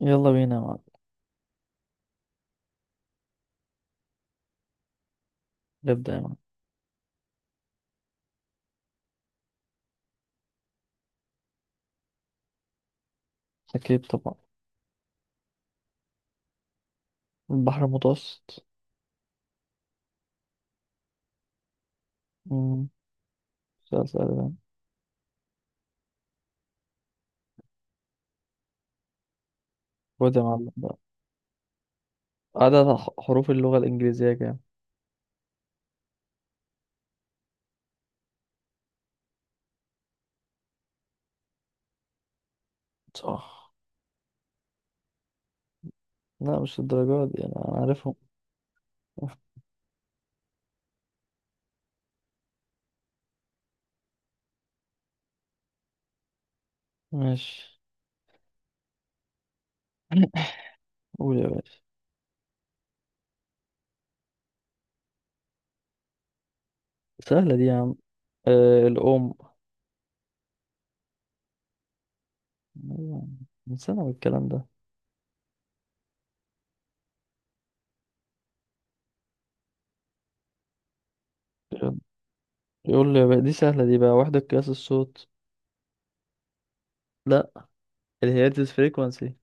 يلا بينا يا معلم. نبدأ يا معلم. أكيد طبعا. البحر المتوسط. مم. سؤال سهل ده. خد يا معلم بقى. عدد حروف اللغة الإنجليزية كام؟ صح. لا مش الدرجات دي، أنا عارفهم. ماشي. قول يا باشا. سهلة دي يا عم، آه الأم. أيوة، من سنة الكلام ده. يلا، يقول لي بقى دي سهلة دي بقى، وحدة قياس الصوت. لا، الهيرتز فريكوانسي.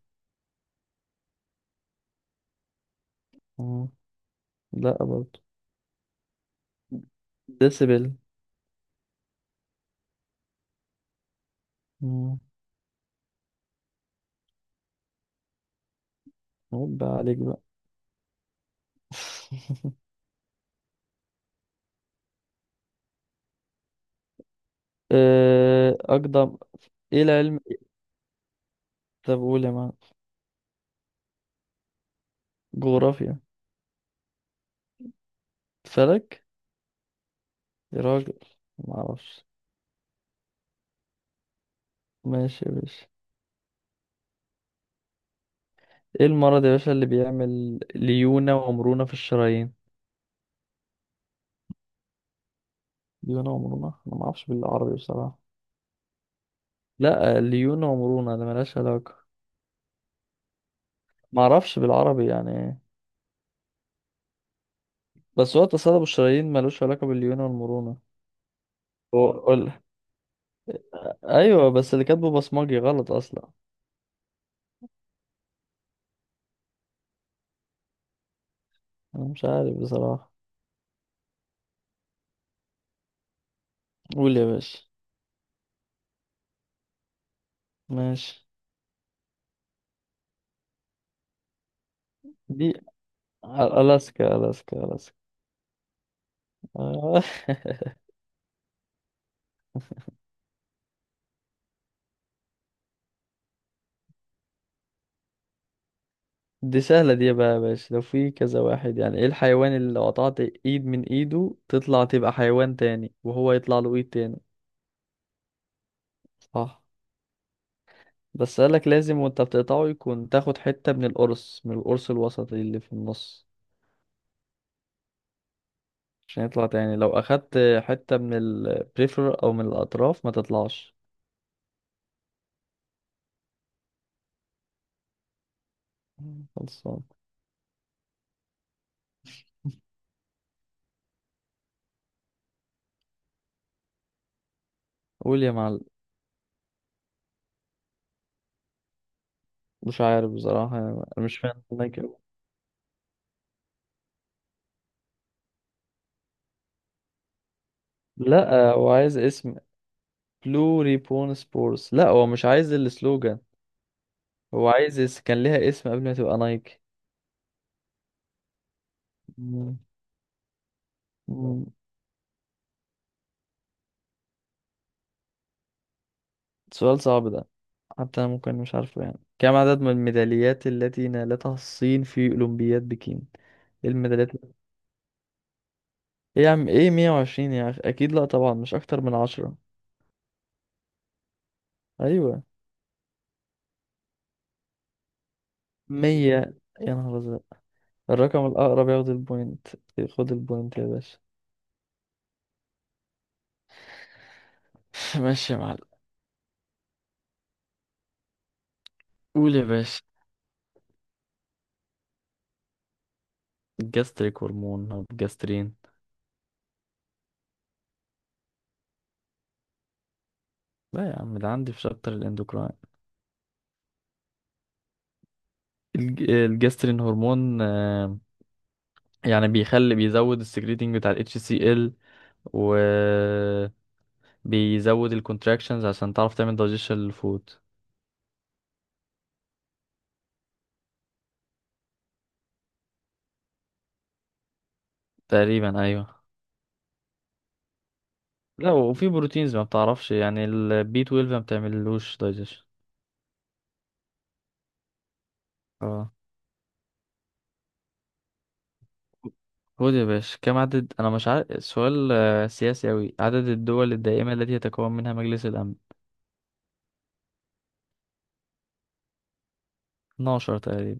لا برضه. ديسيبل. مم. عيب بقى عليك بقى. أقدم. إيه العلم؟ طب قول يا معلم. جغرافيا. فلك. يا راجل معرفش. ماشي يا باشا. إيه المرض يا باشا اللي بيعمل ليونة ومرونة في الشرايين؟ ليونة ومرونة، أنا معرفش بالعربي بصراحة. لا ليونة ومرونة، ده ملهاش علاقة. معرفش بالعربي يعني إيه. بس هو تصلب الشرايين ملوش علاقة بالليونة والمرونة. قول. أيوة بس اللي كاتبه بصمجي غلط أصلا. أنا مش عارف بصراحة. قول يا باشا. ماشي. دي ألاسكا، ألاسكا، ألاسكا. آه. دي سهلة دي بقى يا باشا، لو في كذا واحد. يعني ايه الحيوان اللي لو قطعت ايد من ايده تطلع تبقى حيوان تاني، وهو يطلع له ايد تاني؟ صح. بس قالك لازم وانت بتقطعه يكون تاخد حتة من القرص، من القرص الوسطي اللي في النص، عشان يطلع تاني. لو أخدت حتة من البريفر أو من الأطراف ما تطلعش. خلصان. قول يا معلم. مش عارف بصراحة، أنا مش فاهم أنا كده. لا هو عايز اسم. بلوري بون سبورس، لا هو مش عايز السلوجان. هو عايز كان ليها اسم قبل ما تبقى نايك. مم. مم. سؤال صعب ده. حتى انا ممكن مش عارفه يعني. كم عدد من الميداليات التي نالتها الصين في اولمبياد بكين؟ ايه الميداليات؟ ايه يا عم، ايه 120 يا اخي؟ اكيد لا طبعا، مش اكتر من 10. ايوه. 100. يا نهار ازرق. الرقم الاقرب ياخد البوينت. خد البوينت يا باشا. ماشي يا معلم. قول يا باشا. جاستريك هرمون او جاسترين. لا يا عم ده عندي في شابتر الاندوكراين. الجسترين هرمون، يعني بيخلي، بيزود السكريتنج بتاع ال HCl، و بيزود الكونتراكشنز عشان تعرف تعمل دايجيشن للفود. تقريبا ايوه. لا وفي بروتينز ما بتعرفش، يعني البي 12 ما بتعملوش دايجيشن. اه. خد يا باشا. كم عدد، انا مش عارف السؤال، سياسي اوي، عدد الدول الدائمة التي يتكون منها مجلس الامن؟ 12 تقريبا.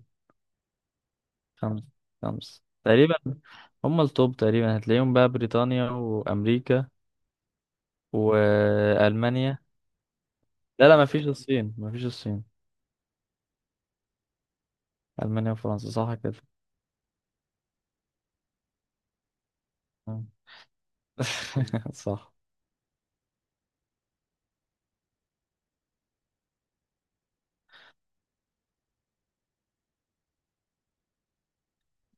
خمس خمس تقريبا. هم التوب تقريبا، هتلاقيهم بقى بريطانيا وامريكا وألمانيا. لا لا، ما فيش الصين، ما فيش الصين. ألمانيا وفرنسا، صح كده. آه. صح.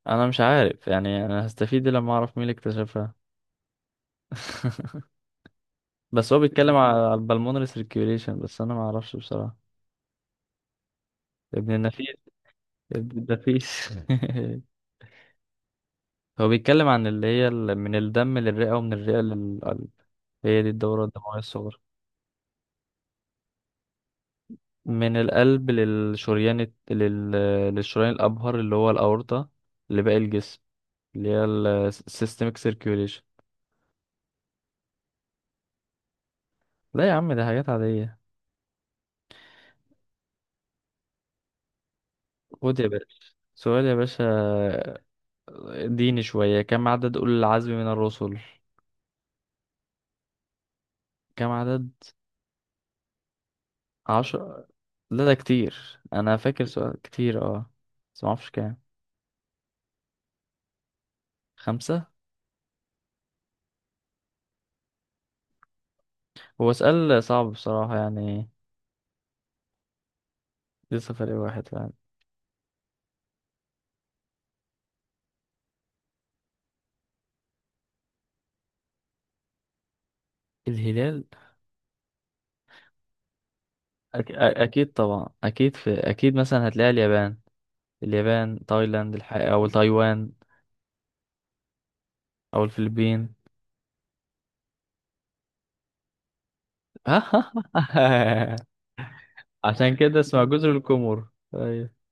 أنا مش عارف يعني، أنا هستفيد إيه لما أعرف مين اللي اكتشفها؟ بس هو بيتكلم على البلمونري سيركيوليشن، بس أنا ما أعرفش بصراحة. ابن النفيس. ابن النفيس. هو بيتكلم عن اللي هي من الدم للرئة، ومن الرئة للقلب. هي دي الدورة الدموية الصغرى. من القلب للشريان للشريان الأبهر اللي هو الأورطة، لباقي الجسم، اللي هي السيستمك سيركيوليشن. لا يا عم، ده حاجات عادية. خد يا باشا سؤال يا باشا. ديني شوية، كم عدد أولي العزم من الرسل؟ كم عدد؟ عشرة. لا ده كتير، أنا فاكر سؤال كتير. اه بس معرفش كام. خمسة. هو سؤال صعب بصراحة يعني. لسه فرق واحد فعلا. الهلال. أكيد طبعا، أكيد في، أكيد مثلا هتلاقي اليابان، اليابان، تايلاند الحقيقة، أو تايوان، أو الفلبين. عشان كده اسمها جزر القمر. ايوه.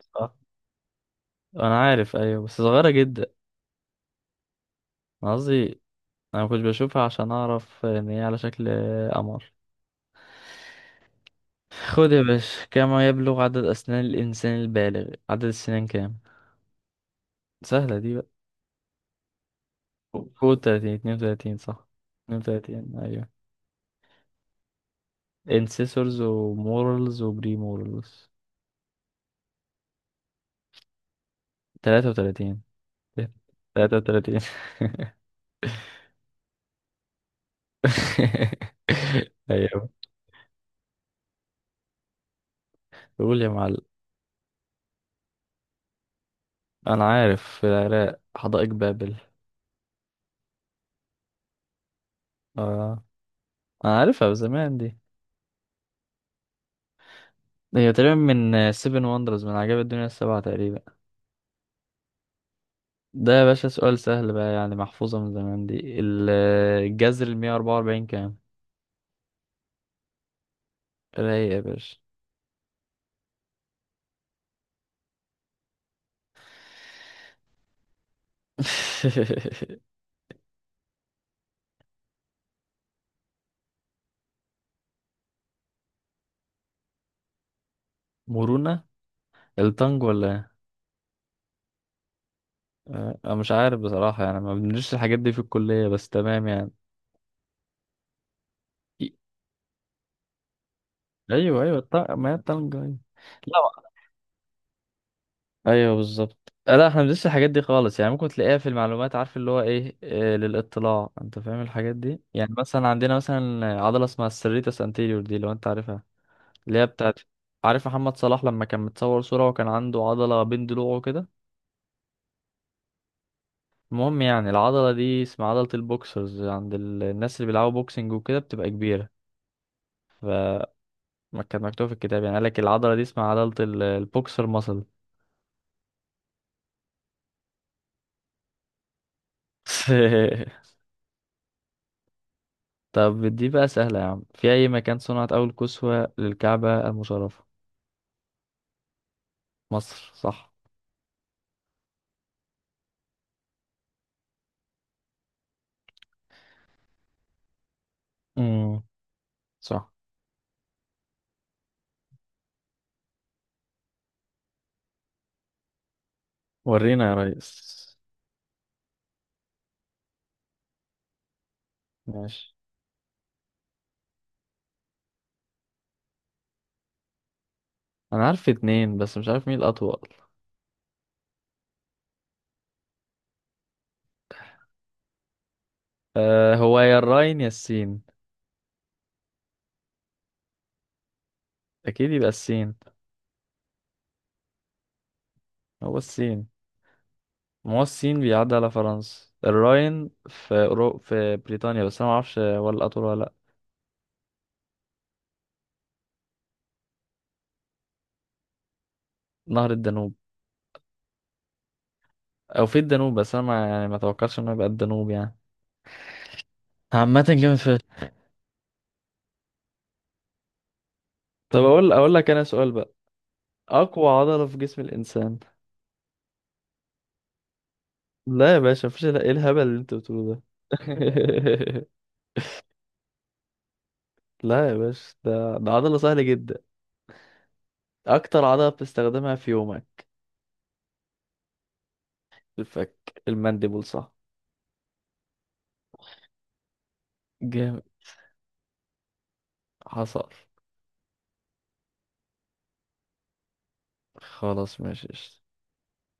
صح. انا عارف، ايوه بس صغيرة جدا. انا قصدي، انا ما كنتش بشوفها عشان اعرف ان هي على شكل قمر. خد يا باشا. كم يبلغ عدد اسنان الانسان البالغ؟ عدد السنان كام؟ سهلة دي بقى. فوق 30. 32 صح. 32 ايوه. انسيسورز ومورلز وبريمورلز. 33. 33. ايوه. قول يا معلم. انا عارف، في العراق، حدائق بابل. اه. انا عارفها بزمان دي، هي تقريبا من سيفن وندرز، من عجائب الدنيا السبعة تقريبا. ده يا باشا سؤال سهل بقى يعني، محفوظة من زمان دي. الجذر المية 44 كام؟ رايق يا باشا. مرونة. التانج ولا ايه؟ أنا مش عارف بصراحة يعني، ما بندرسش الحاجات دي في الكلية، بس تمام يعني. أيوه أيوه، التانج، ما هي التانج. أيوة. لا، ايوه بالظبط. لا احنا مبندرسش الحاجات دي خالص يعني. ممكن تلاقيها في المعلومات، عارف اللي هو ايه، للاطلاع، انت فاهم الحاجات دي يعني. مثلا عندنا مثلا عضله اسمها السريتس انتيريور دي، لو انت عارفها. اللي هي بتاعت، عارف محمد صلاح لما كان متصور صوره وكان عنده عضله بين ضلوعه كده؟ المهم يعني، العضله دي اسمها عضله البوكسرز عند الناس اللي بيلعبوا بوكسنج وكده، بتبقى كبيره. ما كانت مكتوبه في الكتاب يعني، قالك العضله دي اسمها عضله البوكسر ماسل. طب دي بقى سهلة يا عم. في أي مكان صنعت أول كسوة للكعبة المشرفة؟ مصر. صح. امم. صح. ورينا يا ريس. ماشي. أنا عارف 2 بس مش عارف مين الأطول. أه، هو يا الراين يا السين. أكيد يبقى السين. هو السين. ما هو السين بيعدي على فرنسا، الراين في في بريطانيا، بس أنا معرفش هو الأطول ولا لأ. نهر الدانوب. أو في الدانوب، بس أنا ما يعني ما توقعش إنه يبقى الدانوب يعني. عامة جامد فشخ. طب أقول لك أنا سؤال بقى. اقوى عضلة في جسم الانسان. لا يا باشا، مفيش ايه الهبل اللي انت بتقوله ده؟ لا يا باشا، ده عضلة سهلة جدا. اكتر عضلة بتستخدمها في يومك. الفك، المانديبول، صح. جامد. حصل. خلاص ماشي.